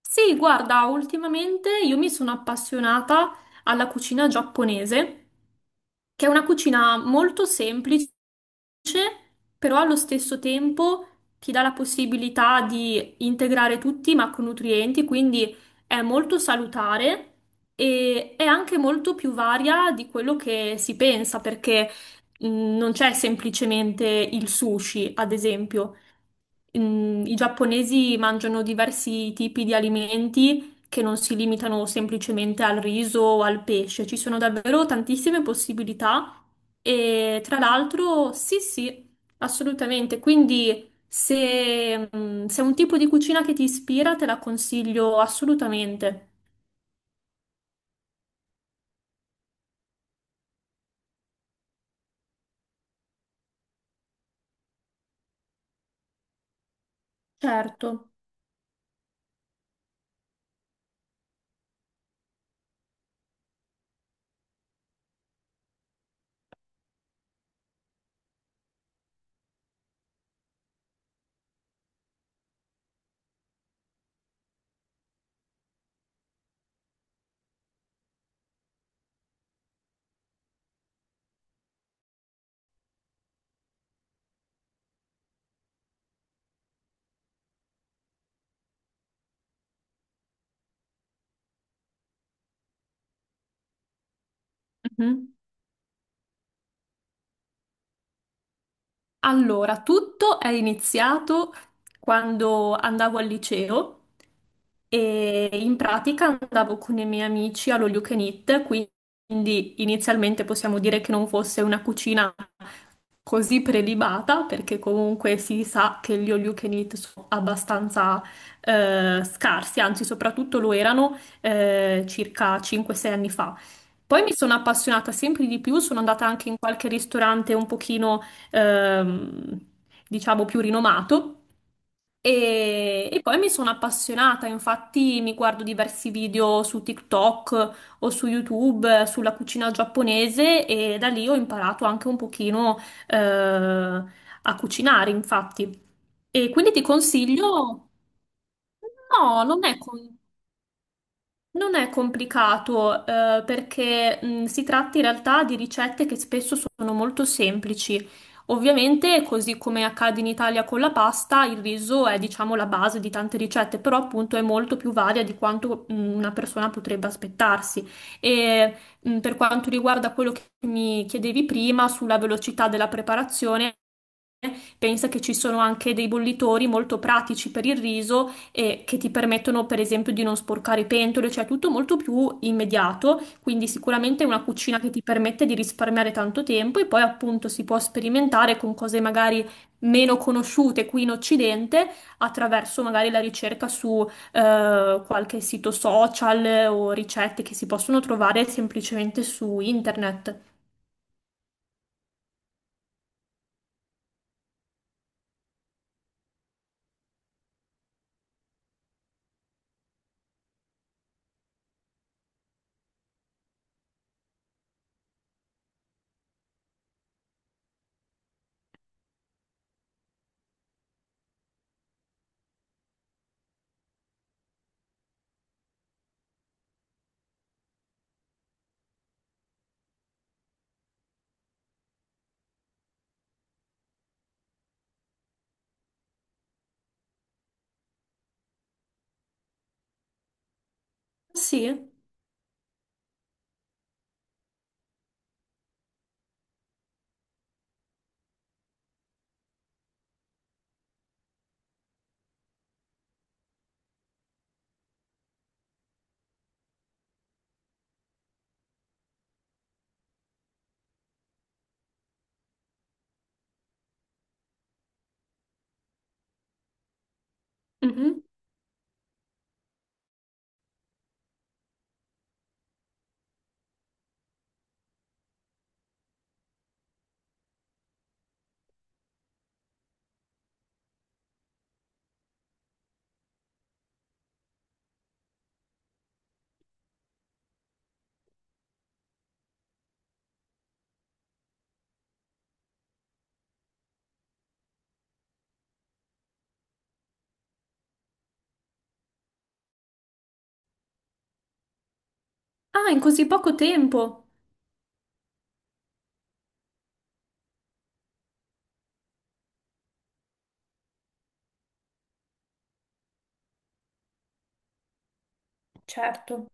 Sì, guarda, ultimamente io mi sono appassionata alla cucina giapponese, che è una cucina molto semplice, però allo stesso tempo ti dà la possibilità di integrare tutti i macronutrienti, quindi è molto salutare e è anche molto più varia di quello che si pensa, perché mh, non c'è semplicemente il sushi, ad esempio. I giapponesi mangiano diversi tipi di alimenti che non si limitano semplicemente al riso o al pesce, ci sono davvero tantissime possibilità e tra l'altro sì, sì, assolutamente. Quindi se è un tipo di cucina che ti ispira, te la consiglio assolutamente. Certo. Mhm. Allora, tutto è iniziato quando andavo al liceo e in pratica andavo con i miei amici all'All You Can Eat, quindi inizialmente possiamo dire che non fosse una cucina così prelibata perché comunque si sa che gli all you can eat sono abbastanza scarsi, anzi soprattutto lo erano circa 5-6 anni fa. Poi mi sono appassionata sempre di più, sono andata anche in qualche ristorante un pochino, ehm, diciamo, più rinomato e poi mi sono appassionata, infatti mi guardo diversi video su TikTok o su YouTube sulla cucina giapponese e da lì ho imparato anche un pochino a cucinare, infatti. E quindi ti consiglio, no, non è complicato, perché si tratta in realtà di ricette che spesso sono molto semplici. Ovviamente, così come accade in Italia con la pasta, il riso è, diciamo, la base di tante ricette, però appunto è molto più varia di quanto una persona potrebbe aspettarsi. E per quanto riguarda quello che mi chiedevi prima sulla velocità della preparazione, pensa che ci sono anche dei bollitori molto pratici per il riso e che ti permettono, per esempio, di non sporcare pentole, cioè tutto molto più immediato. Quindi sicuramente è una cucina che ti permette di risparmiare tanto tempo e poi appunto si può sperimentare con cose magari meno conosciute qui in Occidente attraverso magari la ricerca su qualche sito social o ricette che si possono trovare semplicemente su internet. Sì. Mhm. Ah, in così poco tempo. Certo,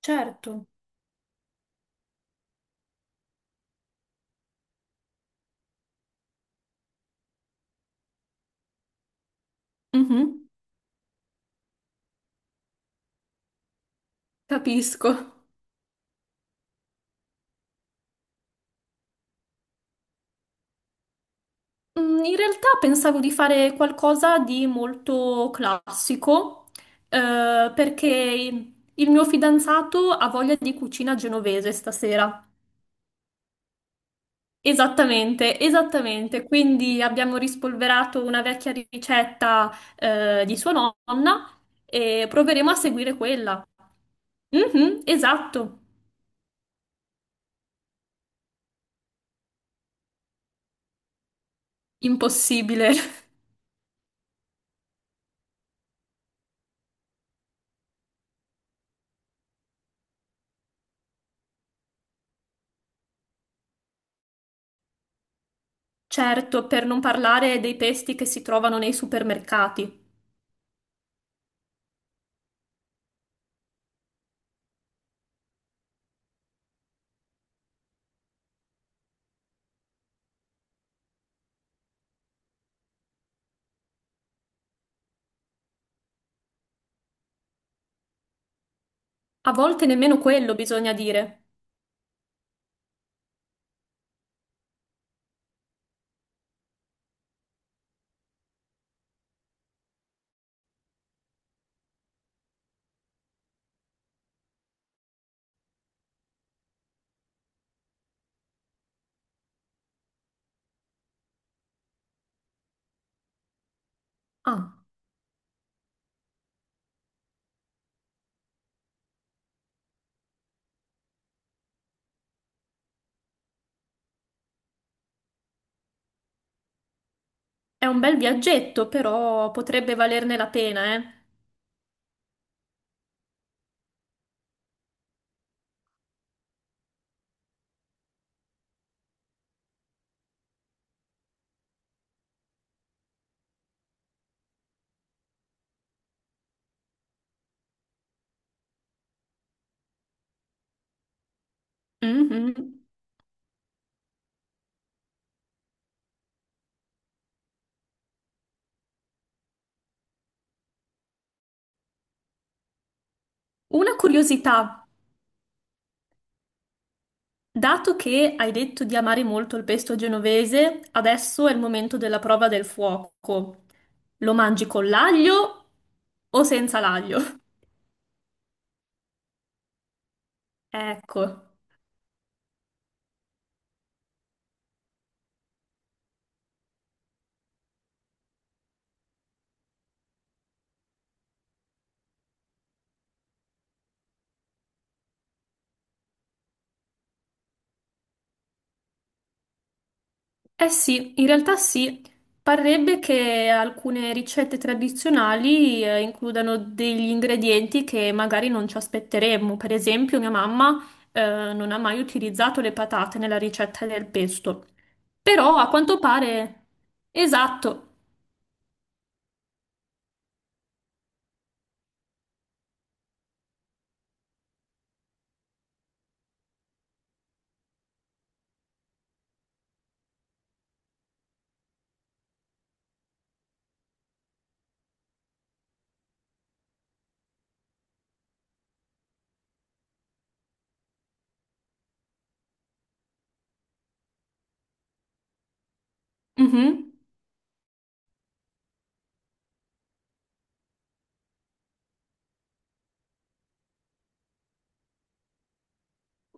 certo. Mhm, capisco. In realtà pensavo di fare qualcosa di molto classico, perché il mio fidanzato ha voglia di cucina genovese stasera. Esattamente, esattamente. Quindi abbiamo rispolverato una vecchia ricetta, di sua nonna e proveremo a seguire quella. Mhm, esatto. Impossibile. Certo, per non parlare dei pesti che si trovano nei supermercati. A volte nemmeno quello bisogna dire. Ah, è un bel viaggetto, però potrebbe valerne la pena, eh. Mhm. Una curiosità. Dato che hai detto di amare molto il pesto genovese, adesso è il momento della prova del fuoco. Lo mangi con l'aglio o senza l'aglio? Ecco. Eh sì, in realtà sì. Parrebbe che alcune ricette tradizionali includano degli ingredienti che magari non ci aspetteremmo. Per esempio, mia mamma non ha mai utilizzato le patate nella ricetta del pesto. Però a quanto pare... Esatto. Mhm,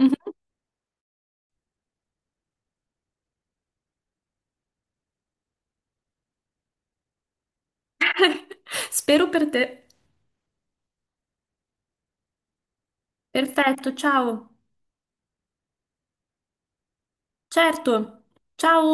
mhm. Spero per te. Perfetto, ciao. Certo. Ciao.